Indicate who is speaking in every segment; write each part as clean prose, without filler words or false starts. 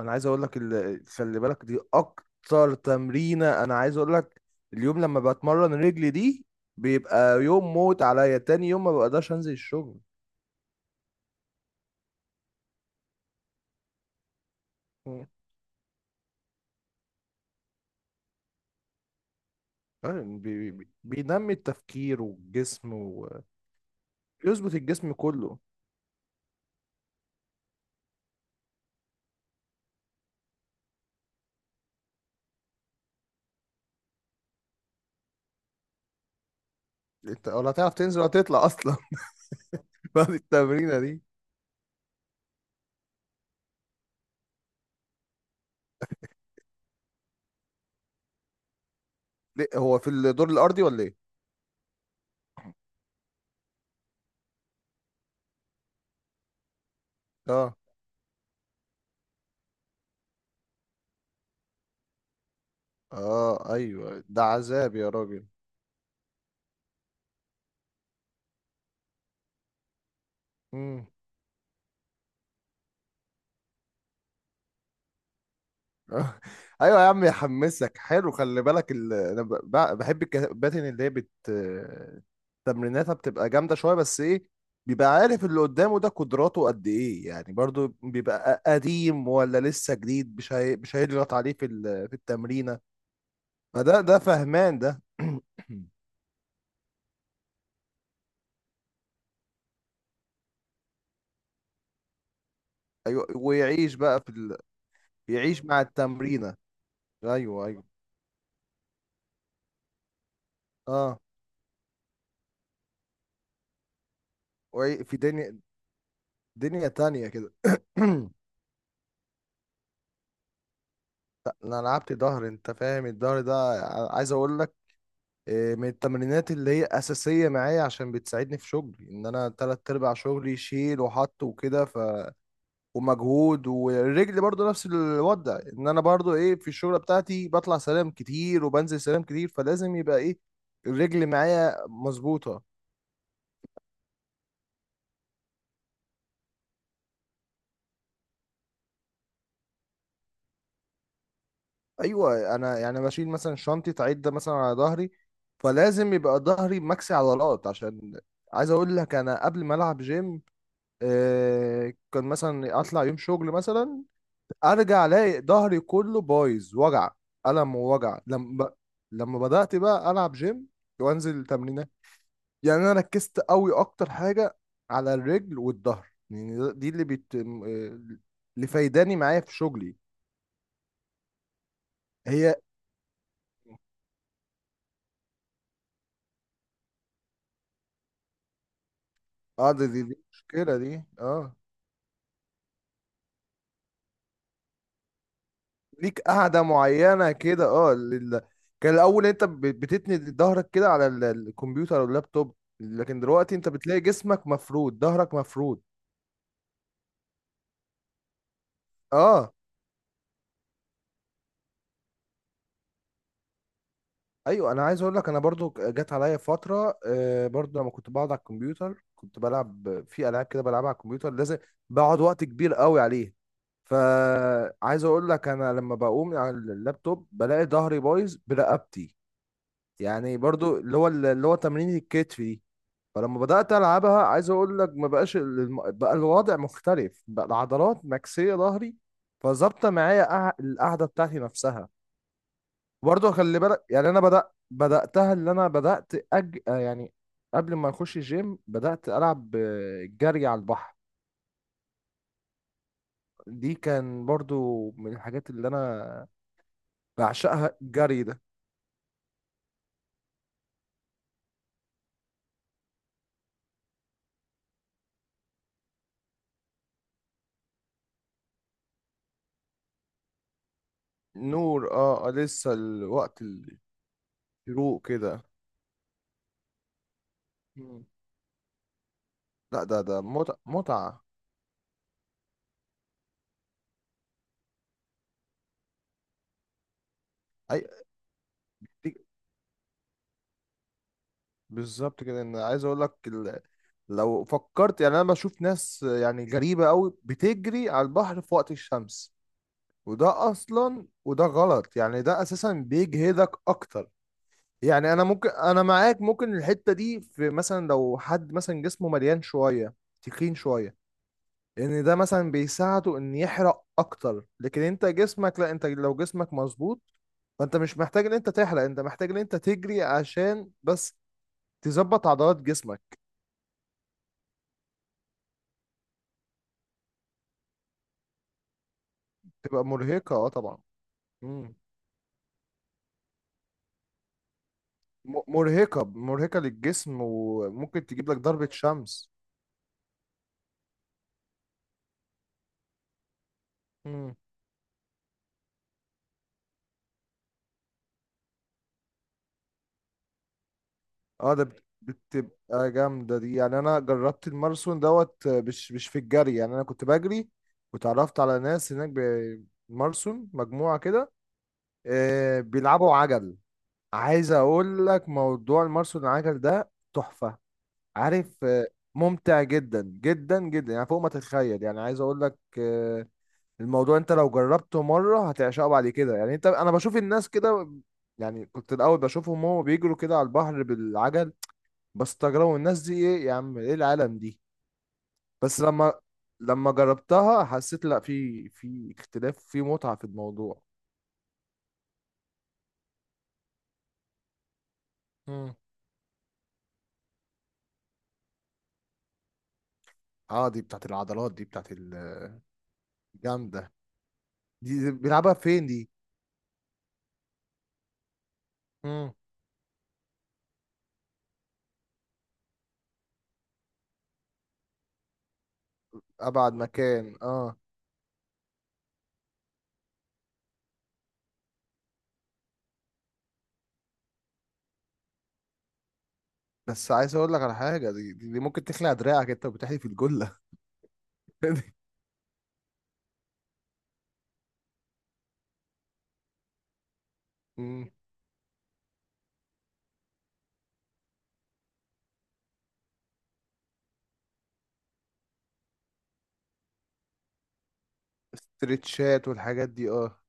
Speaker 1: انا عايز اقول لك خلي بالك دي اكتر تمرينه. انا عايز اقول لك اليوم لما بتمرن رجلي دي بيبقى يوم موت عليا. تاني يوم ما بقدرش انزل الشغل. مم. بينمي التفكير والجسم، ويظبط الجسم كله. انت ولا هتعرف تنزل ولا تطلع اصلا. بعد التمرينه دي. ليه؟ هو في الدور الارضي ولا ايه؟ اه، اه، ايوه، ده عذاب يا راجل. مم. آه. ايوه يا عم، يحمسك، حلو. خلي بالك انا بحب الكباتن اللي هي تمريناتها بتبقى جامده شويه، بس ايه؟ بيبقى عارف اللي قدامه ده قدراته قد ايه. يعني برضو بيبقى قديم ولا لسه جديد، مش هيضغط عليه في التمرينه. فده فهمان ده. ايوه، ويعيش بقى يعيش مع التمرينه. ايوه ايوه. اه، في دنيا، دنيا تانية كده. لا، انا لعبت ظهر. انت فاهم الظهر ده؟ عايز اقول لك، إيه، من التمرينات اللي هي اساسيه معايا، عشان بتساعدني في شغلي، ان انا تلات ارباع شغلي شيل وحط وكده. ومجهود. والرجل برضو نفس الوضع، ان انا برضو ايه في الشغله بتاعتي بطلع سلام كتير وبنزل سلام كتير، فلازم يبقى ايه الرجل معايا مظبوطه. ايوه، انا يعني بشيل مثلا شنطه عده مثلا على ظهري، فلازم يبقى ظهري مكسي عضلات، عشان عايز اقول لك انا قبل ما العب جيم، كان مثلا اطلع يوم شغل مثلا، ارجع الاقي ظهري كله بايظ، وجع، الم ووجع. لما بدات بقى العب جيم وانزل تمرينات، يعني انا ركزت قوي اكتر حاجه على الرجل والظهر، يعني دي اللي بت آه، اللي فايداني معايا في شغلي. هي. اه دي مشكله دي، اه. ليك قاعدة معينة كده، اه، كان الأول أنت بتتني ظهرك كده على الكمبيوتر أو اللابتوب، لكن دلوقتي أنت بتلاقي جسمك مفرود، ظهرك مفرود. اه، ايوه، انا عايز اقول لك، انا برضو جت عليا فتره، برضو لما كنت بقعد على الكمبيوتر كنت بلعب في العاب كده بلعبها على الكمبيوتر، لازم بقعد وقت كبير قوي عليه. فعايز اقول لك انا لما بقوم من على اللابتوب بلاقي ظهري بايظ برقبتي، يعني برضو اللي هو تمرين الكتف دي. فلما بدأت ألعبها، عايز أقول لك ما بقاش، بقى الوضع مختلف، بقى العضلات مكسية ظهري، فظابطة معايا القعدة بتاعتي نفسها. برضه خلي بالك يعني، أنا بدأتها اللي أنا بدأت أج... آه يعني قبل ما أخش الجيم، بدأت ألعب، جري على البحر. دي كان برضو من الحاجات اللي أنا بعشقها، الجري ده. نور، اه، لسه الوقت الشروق كده. مم. لا، ده ده متعة متعة. أي. بالظبط كده. ان عايز اقول لك لو فكرت، يعني انا بشوف ناس يعني غريبه قوي بتجري على البحر في وقت الشمس، وده غلط، يعني ده اساسا بيجهدك اكتر. يعني انا ممكن، انا معاك، ممكن الحته دي، في مثلا لو حد مثلا جسمه مليان شويه، تخين شويه، ان ده مثلا بيساعده ان يحرق اكتر، لكن انت جسمك لا، انت لو جسمك مظبوط فانت مش محتاج ان انت تحرق، انت محتاج ان انت تجري عشان بس تظبط عضلات جسمك. تبقى مرهقة، اه، طبعا. مم. مرهقة مرهقة للجسم، وممكن تجيب لك ضربة شمس. مم. اه، ده بتبقى جامدة دي. يعني انا جربت الماراثون دوت، مش في الجري، يعني انا كنت بجري وتعرفت على ناس هناك بمارسون مجموعة كده، بيلعبوا عجل. عايز اقول لك موضوع الماراثون العجل ده تحفة. عارف، ممتع جدا جدا جدا، يعني فوق ما تتخيل. يعني عايز اقول لك، الموضوع انت لو جربته مرة هتعشقه بعد كده. يعني انا بشوف الناس كده، يعني كنت الاول بشوفهم هو بيجروا كده على البحر بالعجل، بستغربوا الناس دي ايه يا عم، ايه العالم دي؟ بس لما جربتها حسيت لا، في اختلاف، في متعة في الموضوع. امم. اه، دي بتاعت العضلات دي، بتاعت الجامدة. دي بيلعبها فين دي؟ امم. ابعد مكان، اه. بس عايز اقول لك على حاجة، دي ممكن تخلع دراعك انت وبتحدي في الجلة. امم. استرتشات والحاجات دي، اه.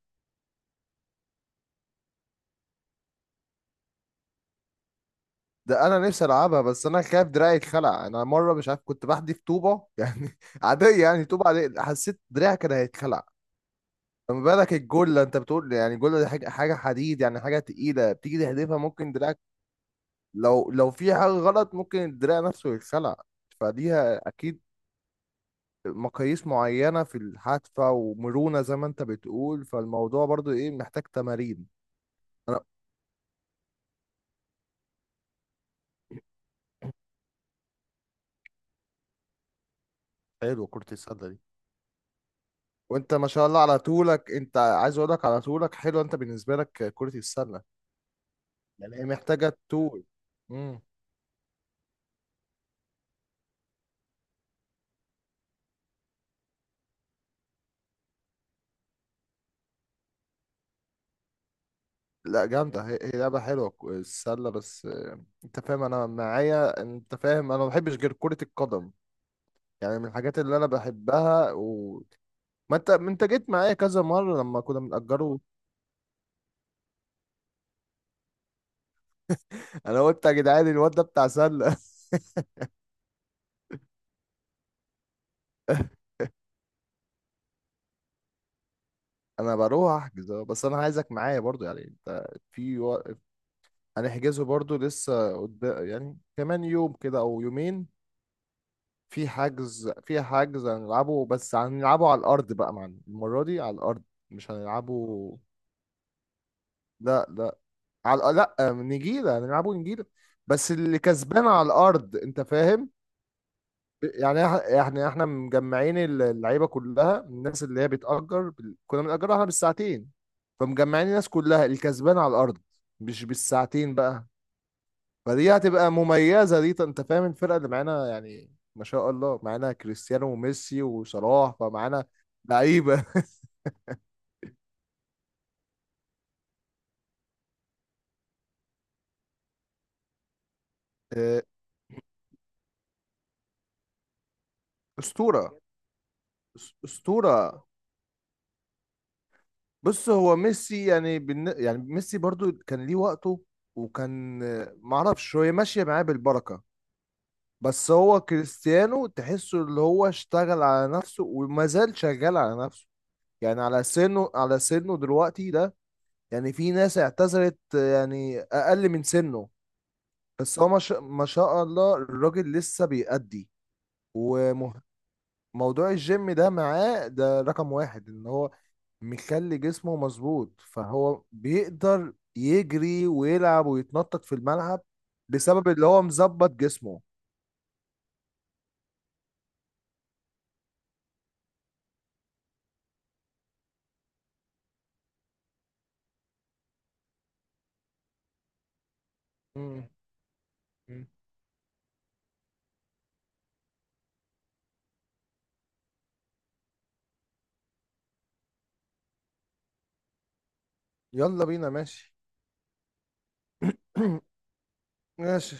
Speaker 1: ده انا نفسي العبها، بس انا خايف دراعي اتخلع. انا مره مش عارف كنت بحدف طوبه يعني عاديه، يعني طوبه عاديه حسيت دراعي كان هيتخلع، فما بالك الجله. انت بتقول يعني الجله دي حاجه حاجه حديد، يعني حاجه تقيله، بتيجي تحدفها ممكن دراعك، لو في حاجه غلط ممكن الدراع نفسه يتخلع. فليها اكيد مقاييس معينه في الحادفه ومرونه زي ما انت بتقول، فالموضوع برضو ايه محتاج تمارين. انا حلو كرة السله دي. وانت ما شاء الله على طولك، انت عايز اقول لك على طولك، حلو انت بالنسبه لك كره السله، لان هي محتاجه طول. امم. لا جامده، هي لعبه حلوه السله، بس انت فاهم انا معايا، انت فاهم انا ما بحبش غير كره القدم، يعني من الحاجات اللي انا بحبها. ما انت جيت معايا كذا مره لما كنا بنأجره. انا قلت يا جدعان الواد ده بتاع سله. انا بروح احجز، بس انا عايزك معايا برضو، يعني انت في و... هنحجزه برضو لسه قدام، يعني كمان يوم كده او يومين. في حجز هنلعبه، بس هنلعبه على الأرض بقى معنا المرة دي، على الأرض مش هنلعبه. لا، لا، لا نجيلة، هنلعبه نجيلة، بس اللي كسبان على الأرض، أنت فاهم. يعني يعني احنا مجمعين اللعيبة كلها، الناس اللي هي بتأجر كنا بنأجرها احنا بالساعتين، فمجمعين الناس كلها الكسبان على الأرض، مش بالساعتين بقى. فدي هتبقى مميزة دي، انت فاهم الفرقة اللي معانا، يعني ما شاء الله معانا كريستيانو وميسي وصلاح، فمعانا لعيبة. آه، أسطورة. أسطورة. بص، هو ميسي يعني يعني ميسي برضو كان ليه وقته، وكان معرفش هو ماشية معاه بالبركة، بس هو كريستيانو تحسه اللي هو اشتغل على نفسه وما زال شغال على نفسه، يعني على سنه، على سنه دلوقتي ده، يعني في ناس اعتزلت، يعني أقل من سنه، بس هو ما شاء، ما شاء الله، الراجل لسه بيأدي. وموضوع الجيم ده معاه ده رقم واحد، ان هو مخلي جسمه مظبوط، فهو بيقدر يجري ويلعب ويتنطط في الملعب، بسبب اللي هو مظبط جسمه. مم. مم. يلا بينا، ماشي. ماشي،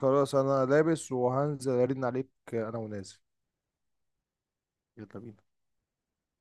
Speaker 1: خلاص انا لابس، وهنزل ارن عليك، انا ونازل. يلا بينا.